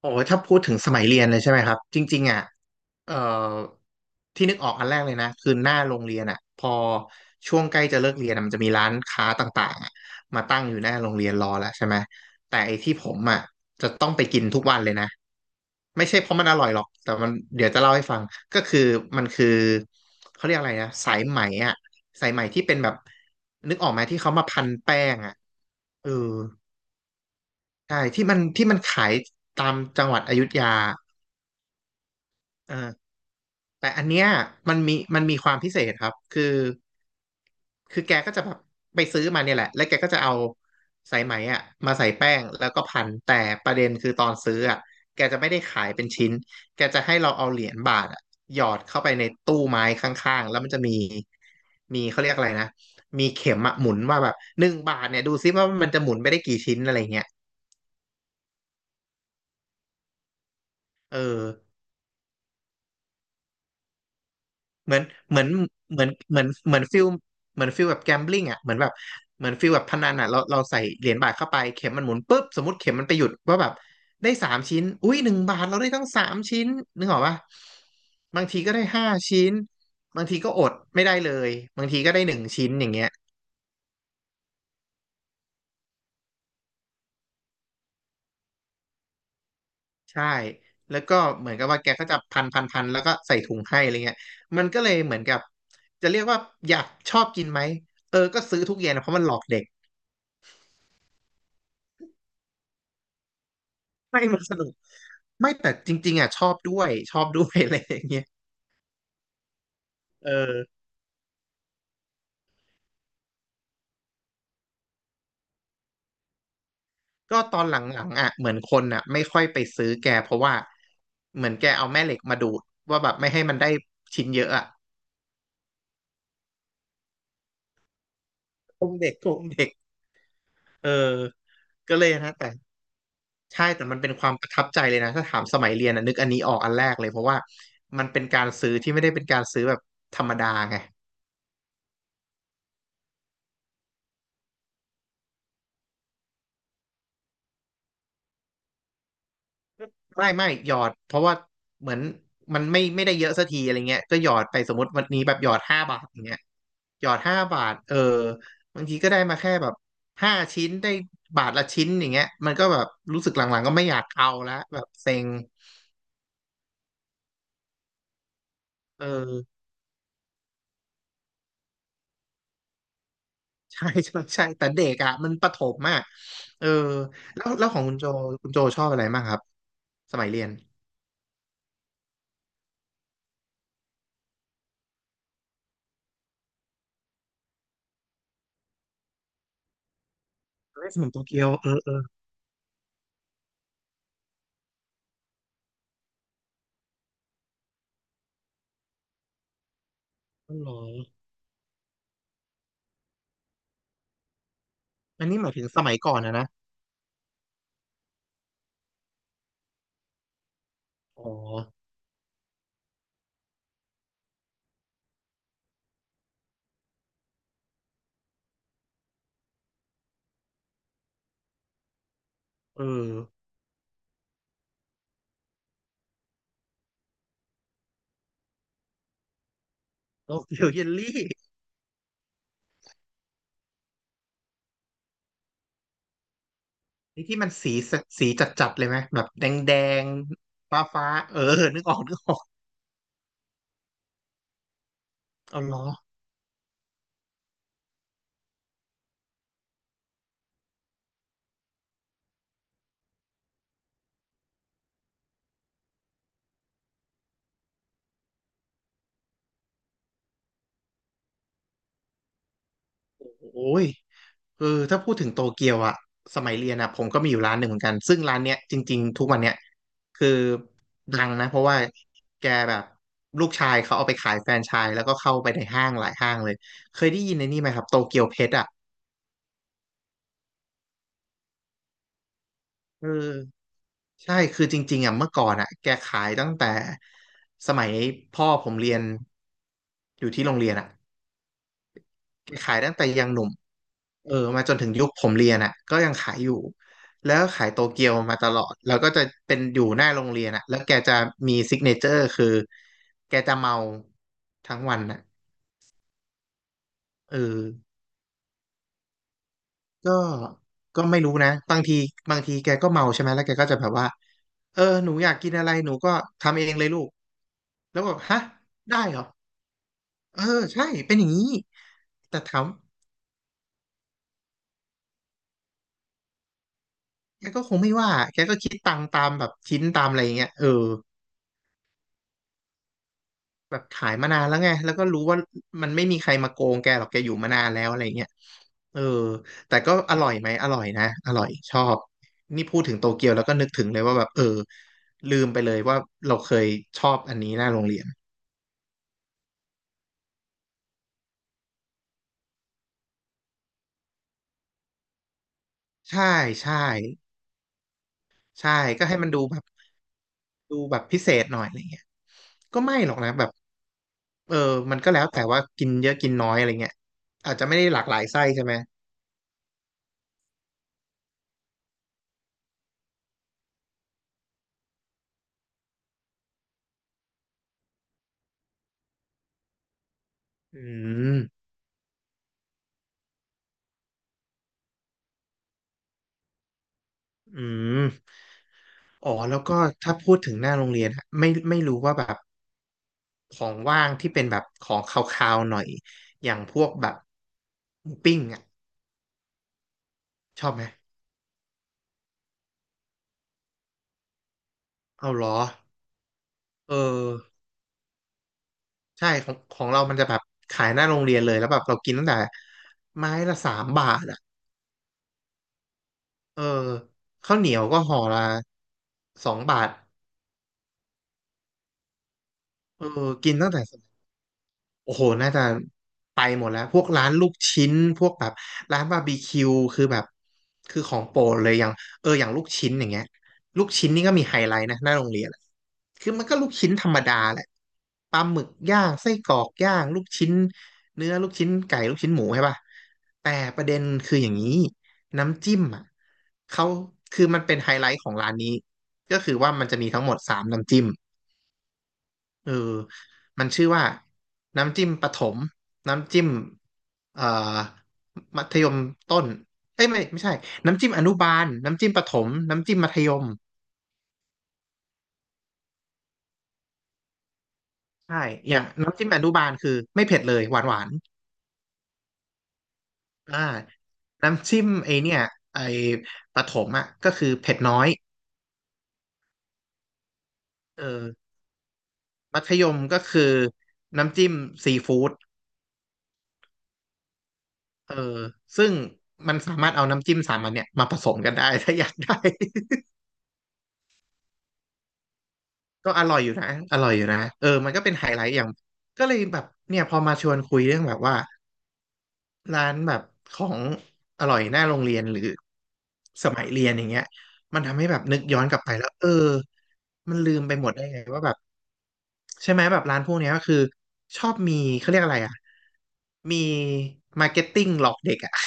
โอ้ยถ้าพูดถึงสมัยเรียนเลยใช่ไหมครับจริงๆอ่ะเอ่อที่นึกออกอันแรกเลยนะคือหน้าโรงเรียนอ่ะพอช่วงใกล้จะเลิกเรียนอะมันจะมีร้านค้าต่างๆอะมาตั้งอยู่หน้าโรงเรียนรอแล้วใช่ไหมแต่ไอ้ที่ผมอ่ะจะต้องไปกินทุกวันเลยนะไม่ใช่เพราะมันอร่อยหรอกแต่มันเดี๋ยวจะเล่าให้ฟังก็คือมันคือเขาเรียกอะไรนะสายไหมอ่ะสายไหมที่เป็นแบบนึกออกไหมที่เขามาพันแป้งอ่ะเออใช่ที่มันขายตามจังหวัดอยุธยา อ่าแต่อันเนี้ยมันมีความพิเศษครับคือแกก็จะแบบไปซื้อมาเนี่ยแหละแล้วแกก็จะเอาสายไหมอ่ะมาใส่แป้งแล้วก็พันแต่ประเด็นคือตอนซื้ออ่ะแกจะไม่ได้ขายเป็นชิ้นแกจะให้เราเอาเหรียญบาทอ่ะหยอดเข้าไปในตู้ไม้ข้างๆแล้วมันจะมีเขาเรียกอะไรนะมีเข็มอ่ะหมุนว่าแบบหนึ่งบาทเนี่ยดูซิว่ามันจะหมุนไปได้กี่ชิ้นอะไรเงี้ยเออ เหมือนเหมือนเหมือนเหมือนเหมือนฟิลเหมือนฟิลแบบแกมบลิ n งอ่ะเหมือนแบบเหมือนฟิลแบบพนันอ่ะเราใส่เหรียญบาทเข้าไปเข็มมันหมุนปุ๊บสมมติเข็มมันไปหยุดว่าแบบได้สามชิ้นอุ้ยหนึ่งบาทเราได้ทั้งสามชิ้นนึกออกปะบางทีก็ได้ห้าชิ้นบางทีก็อดไม่ได้เลยบางทีก็ได้1 ชิ้นอย่างเงี้ยใช่แล้วก็เหมือนกับว่าแกก็จะพันพันพันแล้วก็ใส่ถุงให้อะไรเงี้ยมันก็เลยเหมือนกับจะเรียกว่าอยากชอบกินไหมเออก็ซื้อทุกเย็นนะเพราะมันหลอกเด็ก ไม่มันสนุก ไม่แต่จริงๆอ่ะชอบด้วยชอบด้วย อะไรอย่างเงี้ยเออก็ตอนหลังๆอ่ะเหมือนคนอ่ะไม่ค่อยไปซื้อแกเพราะว่าเหมือนแกเอาแม่เหล็กมาดูดว่าแบบไม่ให้มันได้ชิ้นเยอะอ่ะโกงเด็กโกงเด็กเออก็เลยนะแต่ใช่แต่มันเป็นความประทับใจเลยนะถ้าถามสมัยเรียนอ่ะนึกอันนี้ออกอันแรกเลยเพราะว่ามันเป็นการซื้อที่ไม่ได้เป็นการซื้อแบบธรรมดาไง ไม่หยอดเพราะว่าเหมือนมันไม่ได้เยอะสักทีอะไรเงี้ยก็หยอดไปสมมติวันนี้แบบหยอดห้าบาทอย่างเงี้ยหยอดห้าบาทเออบางทีก็ได้มาแค่แบบห้าชิ้นได้บาทละชิ้นอย่างเงี้ยมันก็แบบรู้สึกหลังๆก็ไม่อยากเอาละแบบเซ็งเออใช่ใช่ใช่แต่เด็กอ่ะมันประถมอ่ะเออแล้วของคุณโจชอบอะไรมากครับสมัยเรียนเล่นสมุนโตเกียวเออเอออ๋อเหรออันนี้หมายถึงสมัยก่อนนะนะอ๋อเออโตเกียวเยลลี่ นี่ที่มันสีจัดๆเลยไหมแบบแดงแดงฟ้าฟ้าๆเออนึกออกนึกออกเอาล้อโอ้ยเออถ้าพูดถึงโตเกียวอะสมัยเรียนอะผมก็มีอยู่ร้านหนึ่งเหมือนกันซึ่งร้านเนี้ยจริงๆทุกวันเนี้ยคือดังนะเพราะว่าแกแบบลูกชายเขาเอาไปขายแฟรนไชส์แล้วก็เข้าไปในห้างหลายห้างเลยเคยได้ยินในนี่ไหมครับโตเกียวเพชรอะเออใช่คือจริงๆอ่ะเมื่อก่อนอ่ะแกขายตั้งแต่สมัยพ่อผมเรียนอยู่ที่โรงเรียนอ่ะ ขายตั้งแต่ยังหนุ่มเออมาจนถึงยุคผมเรียนอ่ะก็ยังขายอยู่แล้วขายโตเกียวมาตลอดแล้วก็จะเป็นอยู่หน้าโรงเรียนอ่ะแล้วแกจะมีซิกเนเจอร์คือแกจะเมาทั้งวันอ่ะเออก็ก็ไม่รู้นะบางทีแกก็เมาใช่ไหมแล้วแกก็จะแบบว่าเออหนูอยากกินอะไรหนูก็ทำเองเลยลูกแล้วแบอกฮะได้เหรอเออใช่เป็นอย่างนี้แต่ถามแกก็คงไม่ว่าแกก็คิดตังค์ตามแบบชิ้นตามอะไรอย่างเงี้ยเออ แบบขายมานานแล้วไงแล้วก็รู้ว่ามันไม่มีใครมาโกงแกหรอกแกอยู่มานานแล้วอะไรเงี้ยเออแต่ก็อร่อยไหมอร่อยนะอร่อยชอบนี่พูดถึงโตเกียวแล้วก็นึกถึงเลยว่าแบบเออลืมไปเลยว่าเราเคยชอบอันนี้หน้าโรงเรียนใช่ใช่ใช่ก็ให้มันดูแบบดูแบบพิเศษหน่อยอะไรเงี้ยก็ไม่หรอกนะแบบเออมันก็แล้วแต่ว่ากินเยอะกินน้อยอะไรเงี้ยอาจจะไม่ได้หลากหลายไส้ใช่ไหมอืมอืม อ๋อแล้วก็ถ้าพูดถึงหน้าโรงเรียนอะไม่รู้ว่าแบบของว่างที่เป็นแบบของคาวๆหน่อยอย่างพวกแบบหมูปิ้งอ่ะชอบไหมเอาเหรอเออใช่ของเรามันจะแบบขายหน้าโรงเรียนเลยแล้วแบบเรากินตั้งแต่ไม้ละสามบาทอ่ะเออข้าวเหนียวก็ห่อละสองบาทเออกินตั้งแต่ โอ้โหน่าจะไปหมดแล้วพวกร้านลูกชิ้นพวกแบบร้านบาร์บีคิวคือแบบคือของโปรดเลยอย่างเอออย่างลูกชิ้นอย่างเงี้ยลูกชิ้นนี่ก็มีไฮไลท์นะหน้าโรงเรียนอะคือมันก็ลูกชิ้นธรรมดาแหละปลาหมึกย่างไส้กรอกย่างลูกชิ้นเนื้อลูกชิ้นไก่ลูกชิ้นหมูใช่ป่ะแต่ประเด็นคืออย่างนี้น้ำจิ้มอ่ะเขาคือมันเป็นไฮไลท์ของร้านนี้ก็คือว่ามันจะมีทั้งหมดสามน้ำจิ้ม เออมันชื่อว่าน้ำจิ้มประถมน้ำจิ้มเอ่อมัธยมต้นเอ้ยไม่ใช่น้ำจิ้มอนุบาลน้ำจิ้มประถมน้ำจิ้มมัธยมใช่อย่างน้ำจิ้มอนุบาลคือไม่เผ็ดเลยหวานหวานอ่าน้ำจิ้มไอเนี่ยไอประถมอ่ะก็คือเผ็ดน้อยเออมัธยมก็คือน้ำจิ้มซีฟู้ดเออซึ่งมันสามารถเอาน้ำจิ้มสามอันเนี่ยมาผสมกันได้ ถ้าอยากได้ ก็อร่อยอยู่นะอร่อยอยู่นะเออมันก็เป็นไฮไลท์อย่างก็เลยแบบเนี่ยพอมาชวนคุยเรื่องแบบว่าร้านแบบของอร่อยหน้าโรงเรียนหรือสมัยเรียนอย่างเงี้ยมันทำให้แบบนึกย้อนกลับไปแล้วเออมันลืมไปหมดได้ไงว่าแบบใช่ไหมแบบร้านพวกเนี้ยก็คือชอบมีเขาเรียกอะไรอ่ะมีมาร์เก็ตติ้งหลอกเด็กอ่ะ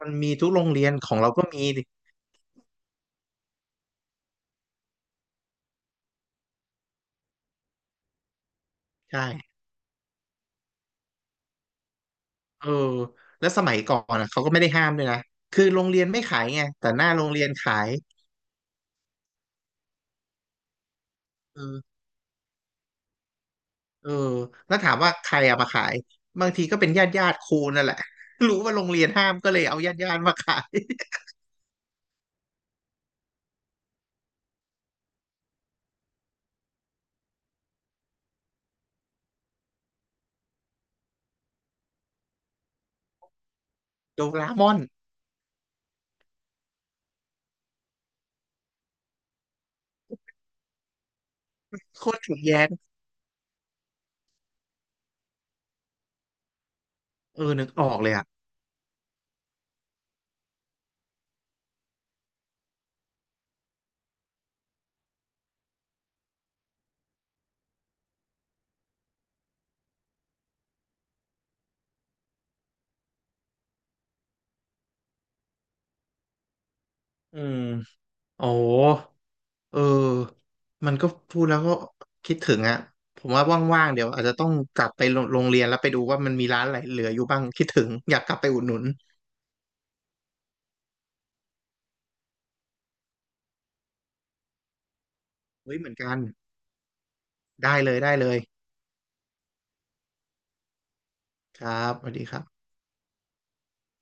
มันมีทุกโรงเรียนของเราก็มีดิใช่เออแล้วสมัยก่อนอ่ะเขาก็ไม่ได้ห้ามด้วยนะคือโรงเรียนไม่ขายไงแต่หน้าโรงเรียนขายเออ เออแล้วถามว่าใครเอามาขายบางทีก็เป็นญาติครูนั่นแหละ รู้ว่าโรงเรียนห้ามก็เลยเอาญาติมาขาย โดราเอมอนโคตรถูกแย้งเออนึกออกเลยอ่ะอืมโอ้เออมันก็พูดแล้วก็คิดถึงอ่ะผมว่าว่างๆเดี๋ยวอาจจะต้องกลับไปโรงเรียนแล้วไปดูว่ามันมีร้านอะไรเหลืออยู่บ้างคิดถึงอยากกลับไปอุดหนุนเฮ้ยเหมือนกันได้เลยครับสวัสดีครับ